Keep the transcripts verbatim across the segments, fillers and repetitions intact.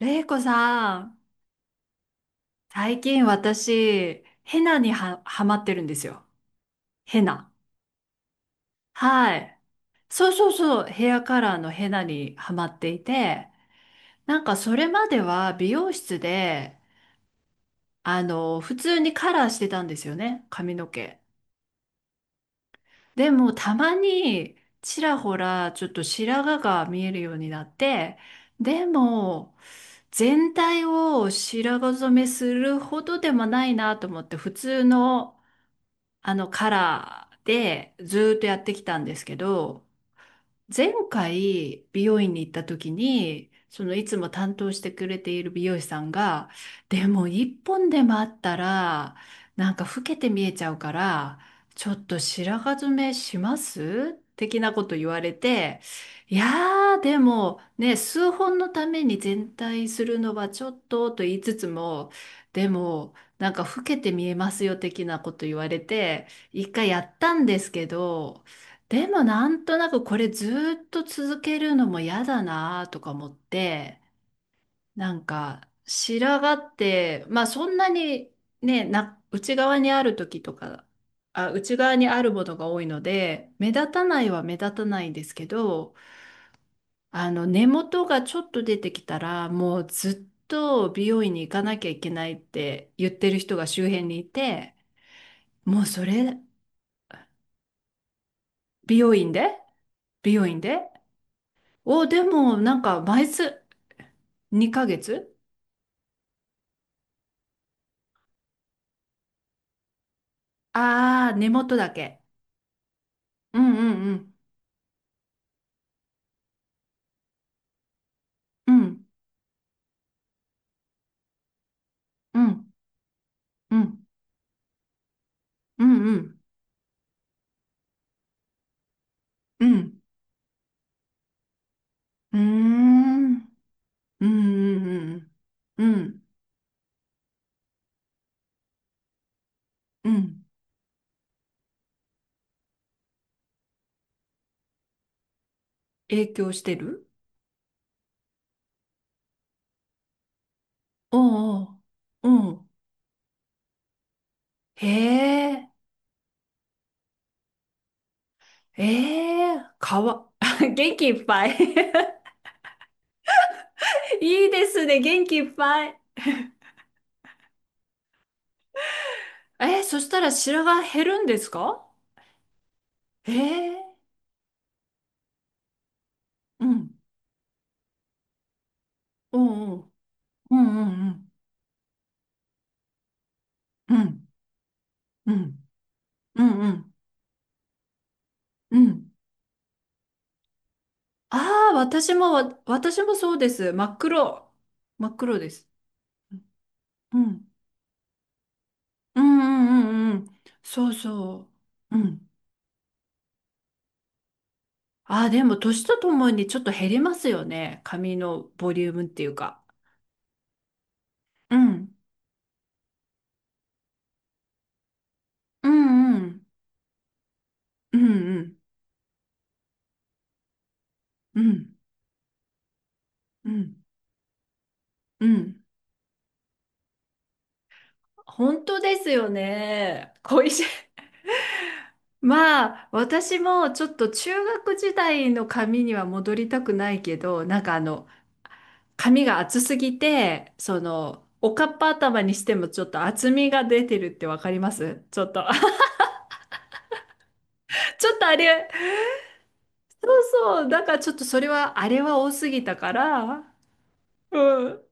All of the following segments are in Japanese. れいこさん、最近私、ヘナには、はまってるんですよ。ヘナ。はい。そうそうそう、ヘアカラーのヘナにはまっていて、なんかそれまでは美容室で、あの、普通にカラーしてたんですよね、髪の毛。でもたまに、ちらほら、ちょっと白髪が見えるようになって、でも、全体を白髪染めするほどでもないなと思って、普通の、あのカラーでずーっとやってきたんですけど、前回美容院に行った時に、そのいつも担当してくれている美容師さんが、でも一本でもあったら、なんか老けて見えちゃうから、ちょっと白髪染めします的なこと言われて、いやーでもね、数本のために全体するのはちょっとと言いつつも、でもなんか老けて見えますよ的なこと言われて、一回やったんですけど、でもなんとなくこれずっと続けるのも嫌だなとか思って、なんか白髪って、まあそんなにね、な、内側にある時とか、あ、内側にあるものが多いので、目立たないは目立たないんですけど、あの根元がちょっと出てきたら、もうずっと美容院に行かなきゃいけないって言ってる人が周辺にいて、もうそれ、美容院で美容院でお、でも、なんか、毎月。にかげつ。ああー、根元だけ。うんうんうん。うんうんうんうんうんうん。うーん。うんうんうん。うんうん。影響してる。おうおう。うん。へえ。ええ。かわ。元気いっぱい いいですね。元気いっぱい。えー、そしたら白髪減るんですか？ええ。うん。おうおう。うんうんうん。うん、うん、うん、うん、うん。ああ、私もわ、私もそうです。真っ黒。真っ黒です。うん、うん、うん、うんうん。そうそう。うん。ああ、でも、年とともにちょっと減りますよね。髪のボリュームっていうか。うん、うん、うん、うん、うん、うん、うん、うん。本当ですよね。恋しい。まあ、私もちょっと中学時代の髪には戻りたくないけど、なんかあの、髪が厚すぎて、その、おかっぱ頭にしてもちょっと厚みが出てるってわかります？ちょっと、ちょっとあれ、そうそう、だからちょっとそれは、あれは多すぎたから、うん、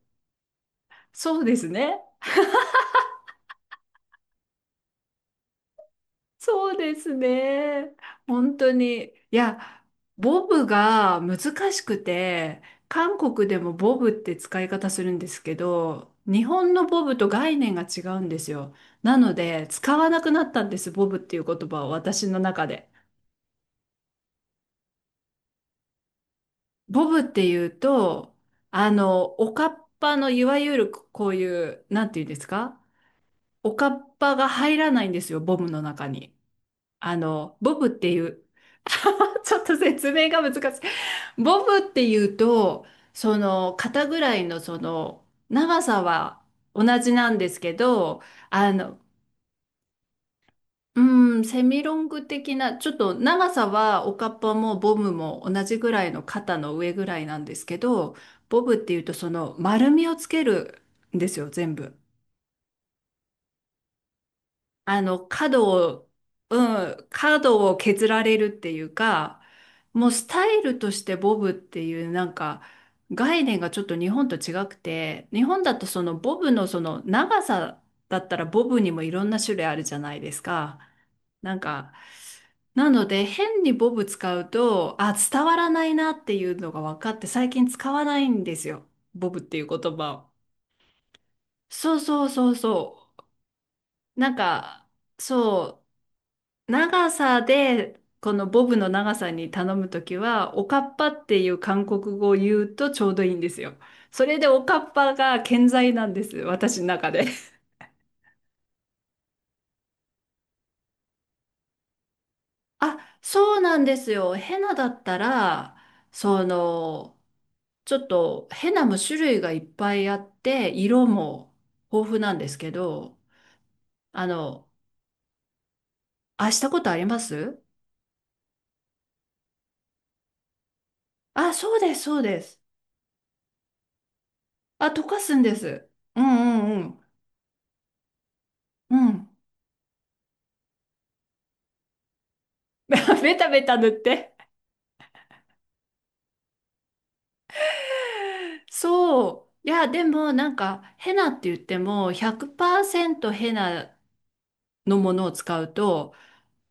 そうですね。そうですね。本当に。いや、ボブが難しくて、韓国でもボブって使い方するんですけど、日本のボブと概念が違うんですよ。なので、使わなくなったんです、ボブっていう言葉を私の中で。ボブっていうと、あの、おかっぱのいわゆるこういう、なんていうんですか？おかっぱが入らないんですよ、ボブの中に。あの、ボブっていう、ちょっと説明が難しい。ボブっていうと、その肩ぐらいのその長さは同じなんですけど、あの、うん、セミロング的な、ちょっと長さはおかっぱもボブも同じぐらいの肩の上ぐらいなんですけど、ボブっていうとその丸みをつけるんですよ、全部。あの、角を、うん、角を削られるっていうか、もうスタイルとしてボブっていうなんか概念がちょっと日本と違くて、日本だとそのボブのその長さだったらボブにもいろんな種類あるじゃないですか。なんか、なので変にボブ使うと、あ、伝わらないなっていうのが分かって最近使わないんですよ。ボブっていう言葉を。そうそうそうそう。なんか、そう。長さで、このボブの長さに頼むときは、おかっぱっていう韓国語を言うとちょうどいいんですよ。それでおかっぱが健在なんです、私の中で。あ、そうなんですよ。ヘナだったら、その、ちょっとヘナも種類がいっぱいあって、色も豊富なんですけど、あの、あ、したことあります？あ、そうです、そうです。あ、溶かすんです。うんうんうん。うん。ベタベタ塗って。そう。いや、でもなんか、ヘナって言っても、ひゃくパーセントヘナのものを使うと、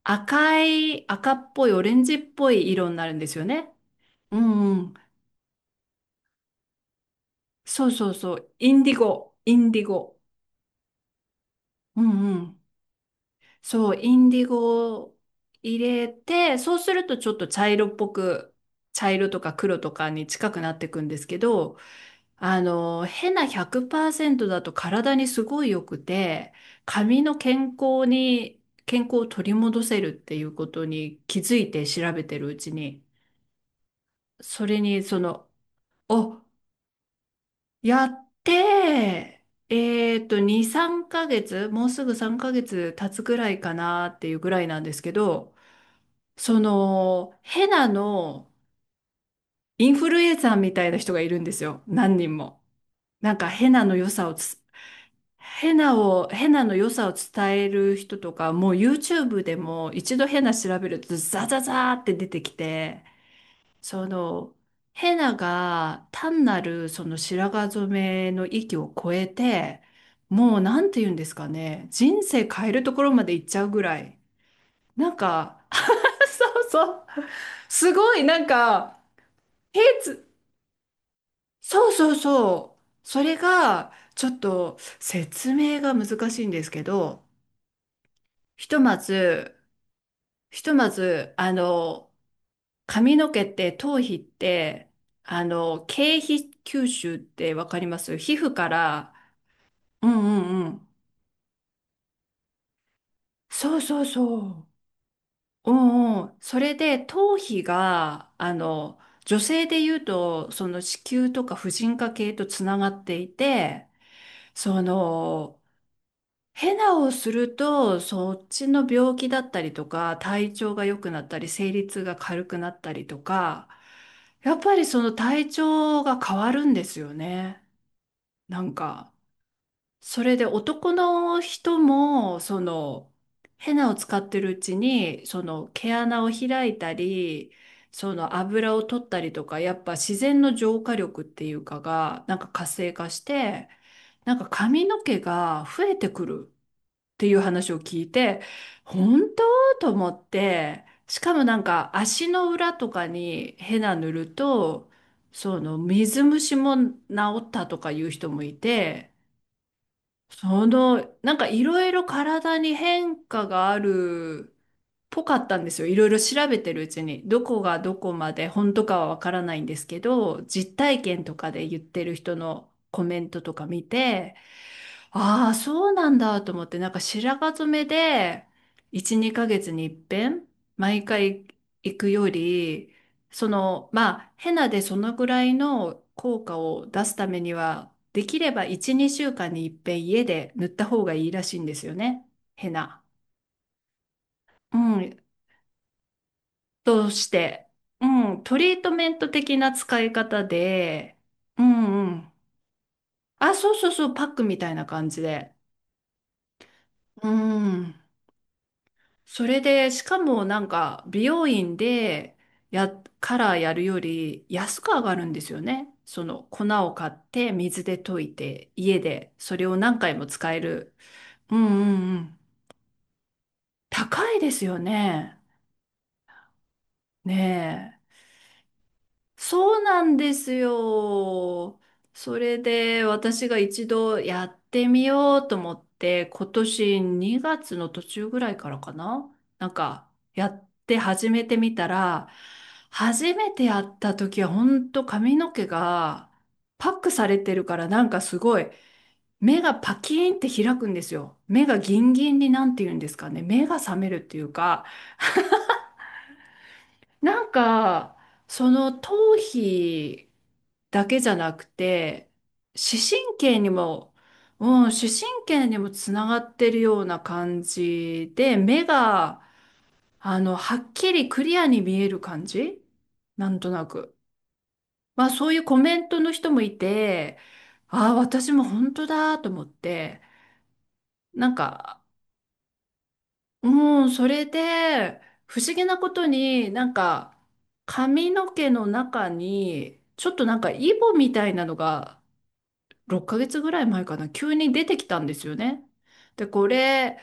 赤い、赤っぽい、オレンジっぽい色になるんですよね。うんうん。そうそうそう。インディゴ、インディゴ。うんうん。そう、インディゴを入れて、そうするとちょっと茶色っぽく、茶色とか黒とかに近くなっていくんですけど、あの、ヘナひゃくパーセントだと体にすごい良くて、髪の健康に、健康を取り戻せるっていうことに気づいて調べてるうちに、それにその、お、やって、えっと、に、さんかげつ、もうすぐさんかげつ経つぐらいかなっていうぐらいなんですけど、その、ヘナのインフルエンサーみたいな人がいるんですよ。何人も。なんかヘナの良さをつヘナを、ヘナの良さを伝える人とか、もう YouTube でも一度ヘナ調べるとザザザーって出てきて、その、ヘナが単なるその白髪染めの域を超えて、もうなんて言うんですかね、人生変えるところまで行っちゃうぐらい、なんか、そうそう、すごいなんか、ヘイそうそうそう、それがちょっと説明が難しいんですけど、ひとまず、ひとまず、あの、髪の毛って頭皮って、あの、経皮吸収ってわかります？皮膚から、うんうんうん。そうそうそう。うんうん。それで頭皮が、あの、女性で言うと、その子宮とか婦人科系とつながっていて、その、ヘナをすると、そっちの病気だったりとか、体調が良くなったり、生理痛が軽くなったりとか、やっぱりその体調が変わるんですよね。なんか、それで男の人も、その、ヘナを使ってるうちに、その毛穴を開いたり、その油を取ったりとか、やっぱ自然の浄化力っていうかが、なんか活性化して、なんか髪の毛が増えてくる。っていう話を聞いて、本当と思って、しかもなんか足の裏とかにヘナ塗ると、その水虫も治ったとかいう人もいて、その、なんかいろいろ体に変化があるっぽかったんですよ。いろいろ調べてるうちに。どこがどこまで本当かはわからないんですけど、実体験とかで言ってる人のコメントとか見て、ああ、そうなんだと思って、なんか白髪染めで、いち、にかげつに一遍、毎回行くより、その、まあ、ヘナでそのぐらいの効果を出すためには、できればいち、にしゅうかんに一遍家で塗った方がいいらしいんですよね。ヘナ。うん。として、うん。トリートメント的な使い方で、うんうん。あ、そうそうそう、パックみたいな感じで。うん。それで、しかもなんか、美容院で、や、カラーやるより安く上がるんですよね。その粉を買って水で溶いて家でそれを何回も使える。うんうんうん。高いですよね。ねえ。そうなんですよ。それで私が一度やってみようと思って、今年にがつの途中ぐらいからかな、なんかやって始めてみたら、初めてやった時は本当髪の毛がパックされてるからなんかすごい、目がパキーンって開くんですよ。目がギンギンに、なんて言うんですかね。目が覚めるっていうか、なんか、その頭皮だけじゃなくて、視神経にも、うん、視神経にもつながってるような感じで、目が、あの、はっきりクリアに見える感じ、なんとなく。まあ、そういうコメントの人もいて、ああ、私も本当だと思って、なんか、もうそれで不思議なことに、なんか髪の毛の中にちょっとなんかイボみたいなのがろっかげつぐらい前かな、急に出てきたんですよね。でこれ、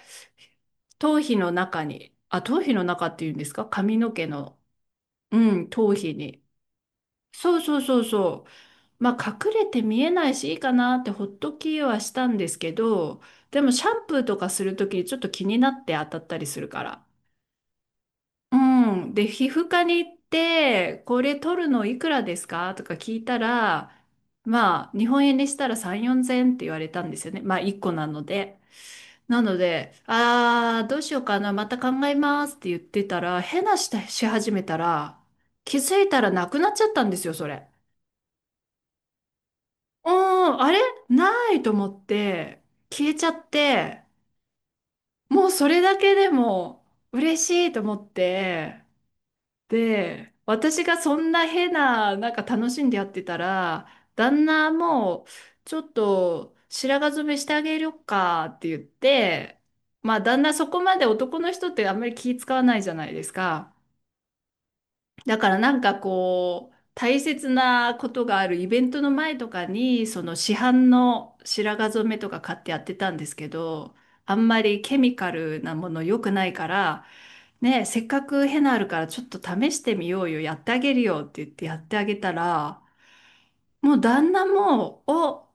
頭皮の中に、あ頭皮の中っていうんですか、髪の毛の、うん頭皮に。そうそうそうそう。まあ隠れて見えないしいいかなってほっときはしたんですけど、でもシャンプーとかするときにちょっと気になって当たったりするから。うん。で、皮膚科に行って、これ取るのいくらですかとか聞いたら、まあ、日本円にしたらさん、よんせんって言われたんですよね。まあ、いっこなので。なので、あー、どうしようかな、また考えますって言ってたら、変なしたし始めたら、気づいたらなくなっちゃったんですよ、それ。うーん、あれ、ないと思って、消えちゃって、もうそれだけでも嬉しいと思って、で、私がそんな変な、なんか楽しんでやってたら、旦那も、ちょっと白髪染めしてあげるかって言って、まあ旦那、そこまで男の人ってあんまり気使わないじゃないですか。だからなんかこう、大切なことがあるイベントの前とかに、その市販の白髪染めとか買ってやってたんですけど、あんまりケミカルなもの良くないから、ねえ、せっかくヘナあるからちょっと試してみようよ、やってあげるよって言ってやってあげたら、もう旦那も、お、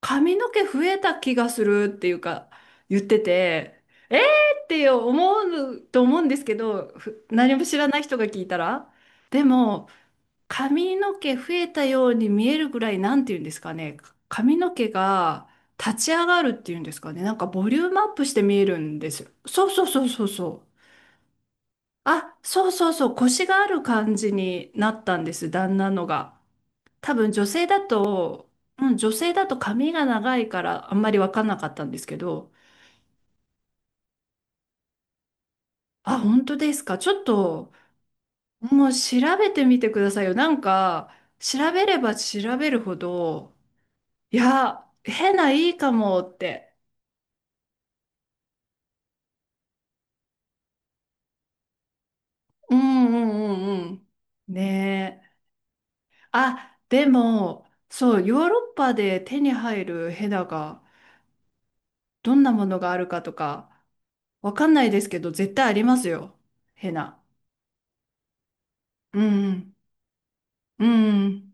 髪の毛増えた気がするっていうか言ってて、えーって思うと思うんですけど、ふ何も知らない人が聞いたら。でも、髪の毛増えたように見えるぐらい、なんて言うんですかね、髪の毛が立ち上がるっていうんですかね、なんかボリュームアップして見えるんですよ。そうそうそうそうそう。あ、そうそうそう、腰がある感じになったんです、旦那のが。多分女性だと、うん、女性だと髪が長いからあんまり分かんなかったんですけど、あ、本当ですか。ちょっと、もう調べてみてくださいよ。なんか、調べれば調べるほど、いや、変ないいかもって。うんうんうんうん。ねえ。あ、でも、そう、ヨーロッパで手に入るヘナが、どんなものがあるかとか、わかんないですけど、絶対ありますよ。ヘナ。うんうん。うんうん。